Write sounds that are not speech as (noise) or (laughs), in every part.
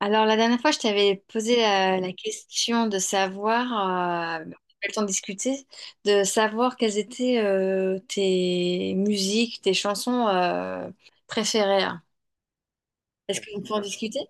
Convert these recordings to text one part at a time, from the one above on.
Alors, la dernière fois, je t'avais posé la question de savoir, on a pas le temps de discuter, de savoir quelles étaient tes musiques, tes chansons préférées. Est-ce qu'on peut en discuter?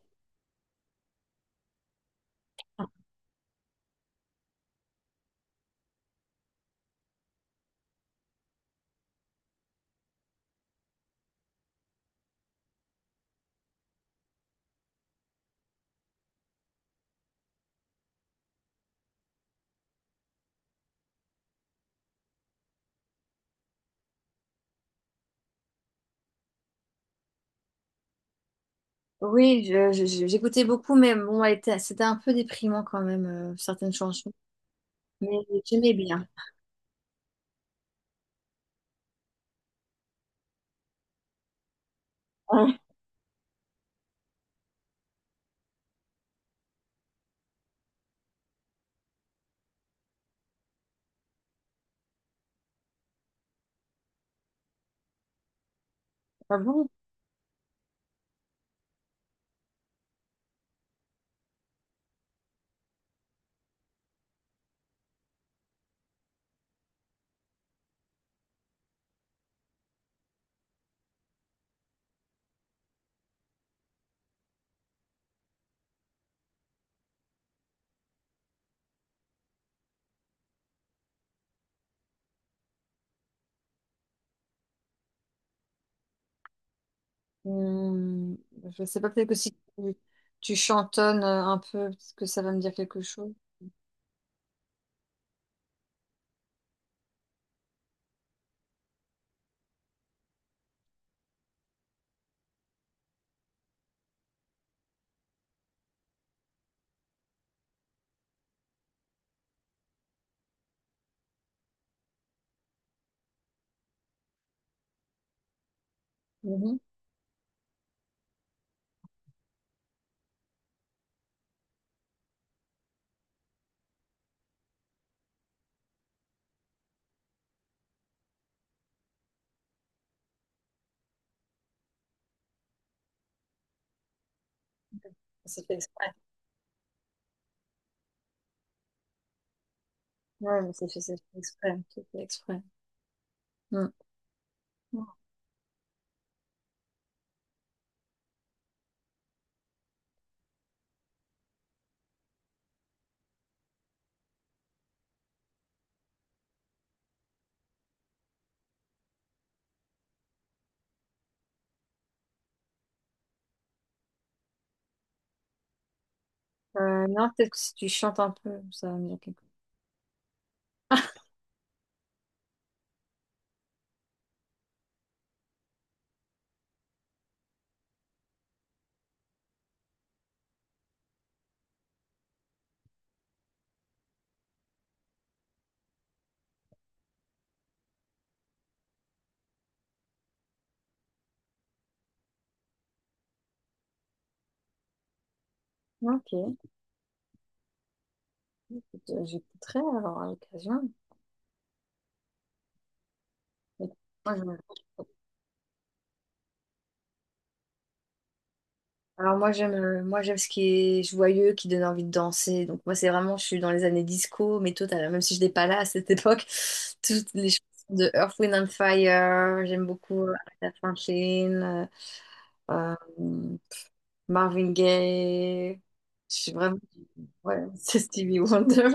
Oui, j'écoutais beaucoup, mais bon, c'était un peu déprimant quand même, certaines chansons. Mais j'aimais bien. Ah. Ah bon? Hum, je sais pas, peut-être que si tu, tu chantonnes un peu, peut-être que ça va me dire quelque chose. Mhm. Ça fait exprès. Ouais, mais c'est fait exprès. C'est fait exprès. Mm. Non, peut-être que si tu chantes un peu, ça va me dire quelque chose. (laughs) Ok, écoute, j'écouterai alors à l'occasion. Mais moi, je- Alors moi j'aime ce qui est joyeux, qui donne envie de danser. Donc moi c'est vraiment, je suis dans les années disco, mais total, même si je n'étais pas là à cette époque, (laughs) toutes les chansons de Earth, Wind and Fire, j'aime beaucoup Aretha Franklin, euh, euh, Marvin Gaye. Je suis vraiment. Ouais, (laughs) c'est Stevie Wonder.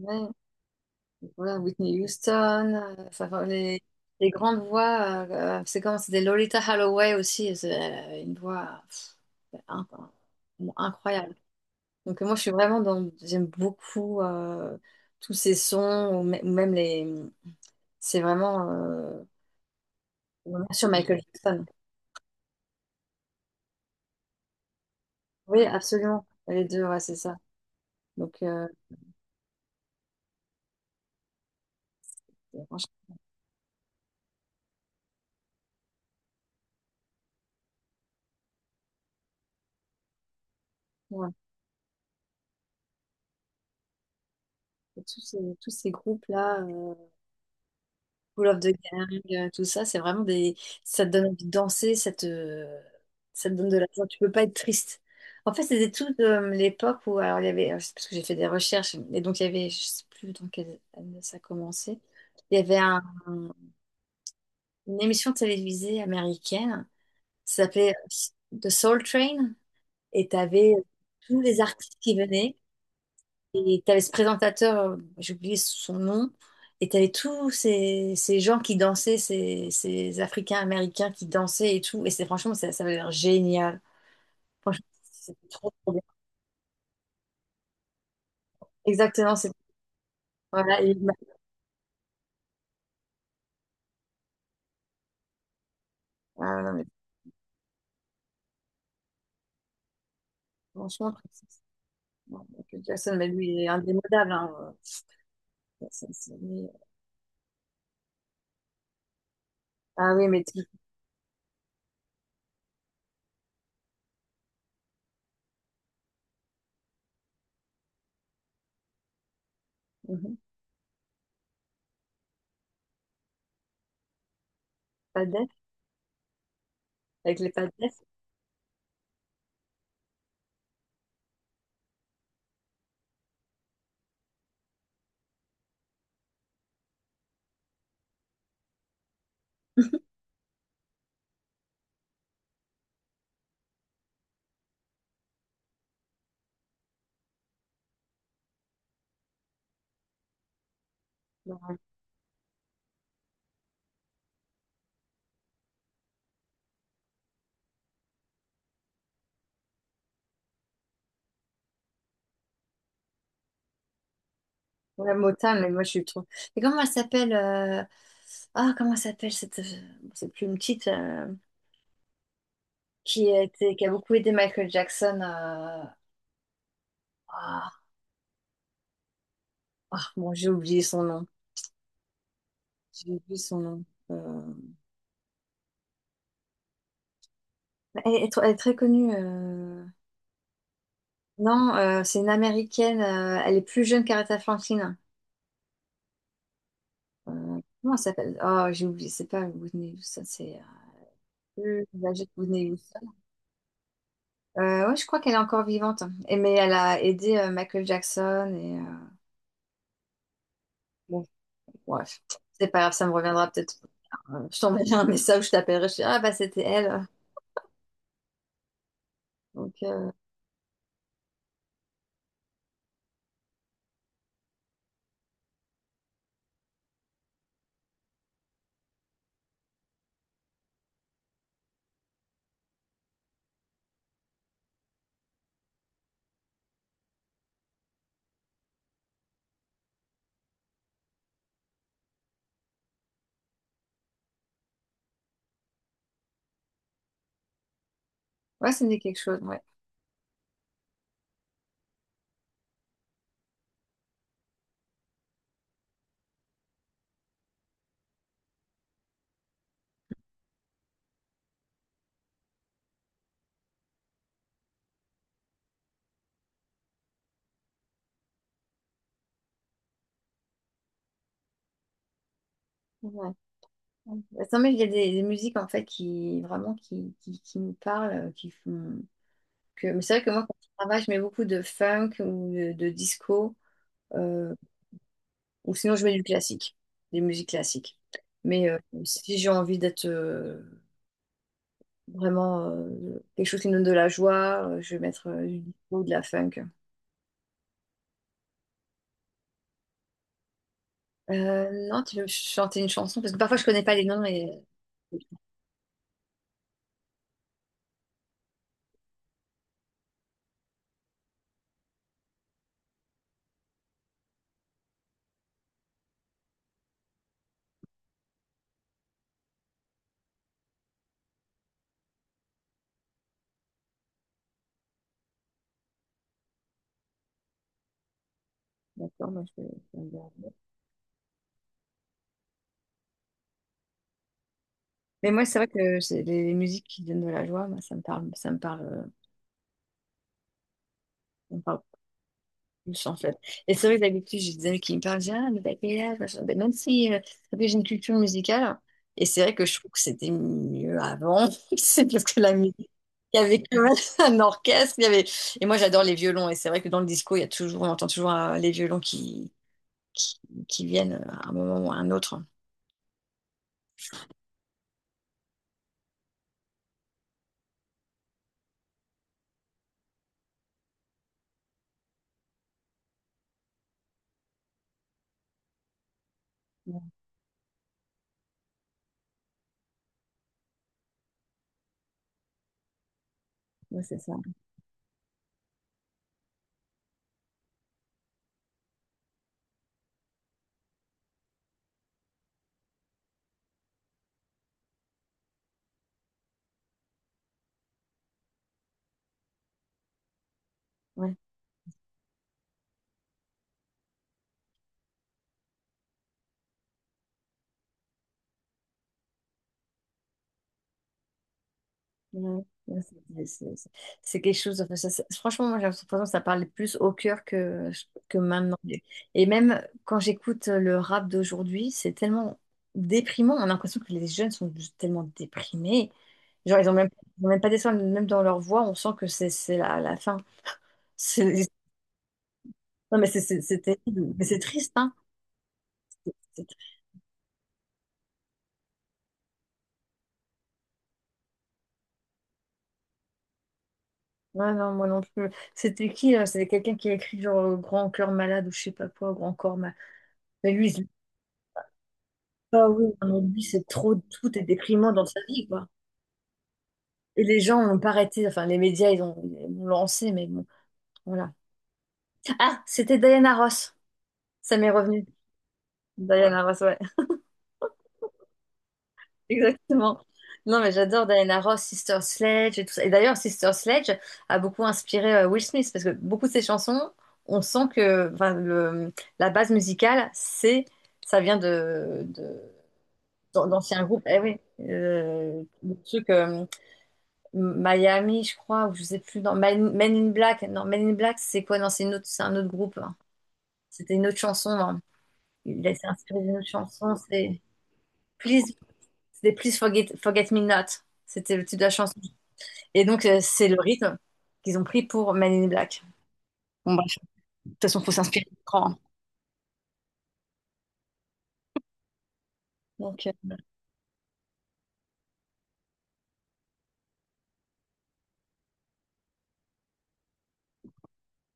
Ouais. Ouais, Whitney Houston, ça va, les grandes voix, c'est comme c'était Lolita Holloway aussi, elle avait une voix pff, in- incroyable. Donc, moi je suis vraiment dans, j'aime beaucoup tous ces sons, ou ou même les, c'est vraiment sur Michael Jackson. Oui, absolument, les deux, ouais, c'est ça. Donc, franchement, ouais, tous ces groupes-là. Cool of the Gang, tout ça, c'est vraiment des. Ça te donne envie de danser, ça te donne de la joie. Tu peux pas être triste. En fait, c'était tout de l'époque où. Alors, il y avait. C'est parce que j'ai fait des recherches, et donc il y avait. Je sais plus dans quelle année ça a commencé. Il y avait un- Une émission télévisée américaine, ça s'appelait The Soul Train, et tu avais tous les artistes qui venaient. Et t'avais ce présentateur, j'ai oublié son nom, et t'avais tous ces, gens qui dansaient, ces Africains-Américains qui dansaient et tout. Et c'est franchement, ça avait l'air génial. Franchement, c'était trop, trop bien. Exactement, c'est. Voilà, ah, non, mais franchement, Francis, bon, Michael Jackson, mais lui, il est indémodable, hein. Ça- ça- ça- mais- Ah oui, mais tout. Mhm. Pas de def, avec les pas de def. (laughs) Ouais, Motin, mais moi je suis trop. Et comment elle s'appelle ah, comment elle s'appelle cette plume petite qui a beaucoup aidé Michael Jackson, Ah, bon, j'ai oublié son nom. J'ai oublié son nom. Euh, elle est très connue. Non, c'est une Américaine. Elle est plus jeune qu'Aretha Franklin. Comment elle s'appelle? Oh, j'ai oublié. C'est pas Whitney Houston, c'est plus âgée que Whitney Houston. Ouais, je crois qu'elle est encore vivante, hein. Et, mais elle a aidé Michael Jackson et bon. Ouais. C'est pas grave, ça me reviendra peut-être. Je t'enverrai un message, je t'appellerai, je te ah bah c'était elle. Donc, ouais, ça me dit quelque chose, ouais. Ouais. Ouais. Non, mais il y a des, musiques en fait qui vraiment qui me parlent, qui font que. Mais c'est vrai que moi, quand je travaille, je mets beaucoup de funk ou de disco, euh, ou sinon je mets du classique, des musiques classiques. Mais si j'ai envie d'être vraiment quelque chose qui me donne de la joie, je vais mettre du disco, de la funk. Non, tu veux me chanter une chanson? Parce que parfois, je connais pas les noms et. (laughs) D'accord, moi, je vais regarder. Mais moi, c'est vrai que c'est les musiques qui donnent de la joie, moi, ça me parle plus, en fait. Et c'est vrai que d'habitude, j'ai des amis qui me parlent, je dis, ah, mais t'as quel âge machin. Mais même si après, j'ai une culture musicale, et c'est vrai que je trouve que c'était mieux avant, (laughs) c'est parce que la musique, il y avait quand même (laughs) un orchestre, il y avait. Et moi, j'adore les violons, et c'est vrai que dans le disco, il y a toujours, on entend toujours les violons qui, qui viennent à un moment ou à un autre. Ouais, ouais, c'est ça. Ouais, ouais, ouais, c'est quelque chose. Enfin, franchement, moi, j'ai l'impression que ça parle plus au cœur que maintenant. Et même quand j'écoute le rap d'aujourd'hui, c'est tellement déprimant. On a l'impression que les jeunes sont juste tellement déprimés. Genre, ils ont même pas d'espoir, même dans leur voix, on sent que c'est la fin. C'est- Non, mais c'est terrible. Mais c'est triste, hein. Ouais, non, moi non plus. C'était qui, là? C'était quelqu'un qui a écrit genre Grand cœur malade ou je sais pas quoi, Grand corps malade. Mais lui, il- ah oui, non, mais lui, c'est trop, tout est déprimant dans sa vie, quoi. Et les gens n'ont pas arrêté, enfin, les médias, ils l'ont lancé, mais bon, voilà. Ah, c'était Diana Ross. Ça m'est revenu. Diana Ross, ouais. Exactement. Non, mais j'adore Diana Ross, Sister Sledge et tout ça. Et d'ailleurs, Sister Sledge a beaucoup inspiré Will Smith parce que beaucoup de ses chansons, on sent que enfin, la base musicale, c'est, ça vient d'anciens groupes. Eh oui, le truc Miami, je crois, ou je sais plus. Non, Men in Black. Non, Men in Black, c'est quoi? Non, c'est une autre, c'est un autre groupe, hein. C'était une autre chanson, hein. S'est inspiré d'une autre chanson. Please, C'était Please Forget Me Not. C'était le titre de la chanson. Et donc, c'est le rythme qu'ils ont pris pour Men in Black. Bon, bref, de toute façon, faut s'inspirer du grand, hein. Donc,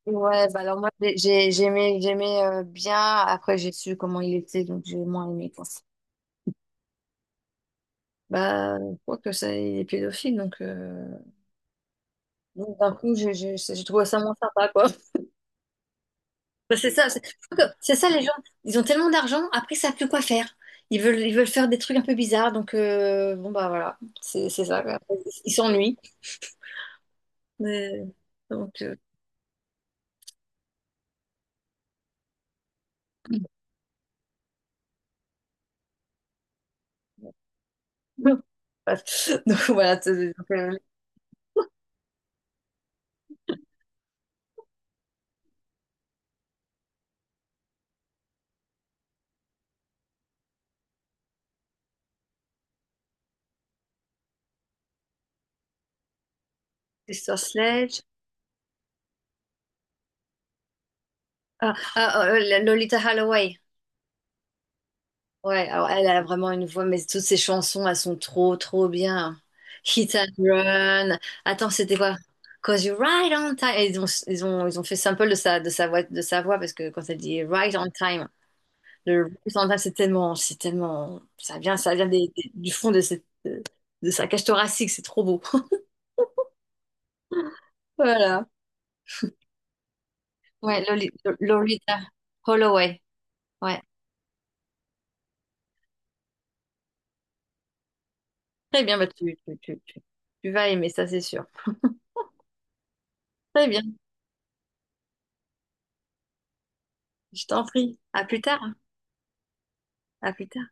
ouais, bah alors moi, j'aimais bien. Après, j'ai su comment il était, donc j'ai moins aimé, quoi. Bah, je crois que ça, il est pédophile, donc, d'un coup, j'ai trouvé ça moins sympa, quoi. Bah, c'est ça, c'est je crois que c'est ça, les gens, ils ont tellement d'argent, après, ils savent plus quoi faire. Ils veulent faire des trucs un peu bizarres, donc bon, bah voilà, c'est ça, quoi. Ils s'ennuient. Mais- Donc, euh, (laughs) Donc voilà, Sister Sledge. Ah, ah, oh, Lolita Holloway. Ouais, alors elle a vraiment une voix, mais toutes ses chansons, elles sont trop, trop bien. Hit and Run. Attends, c'était quoi? Cause you right on time. Et ils ont fait sample de sa voix parce que quand elle dit right on time, le right on time, c'est tellement, ça vient du fond de sa cage thoracique, c'est trop beau. (laughs) Voilà. Ouais, Lolita Holloway. Ouais. Très bien, bah tu vas aimer ça, c'est sûr. Très bien, je t'en prie. À plus tard, hein. À plus tard.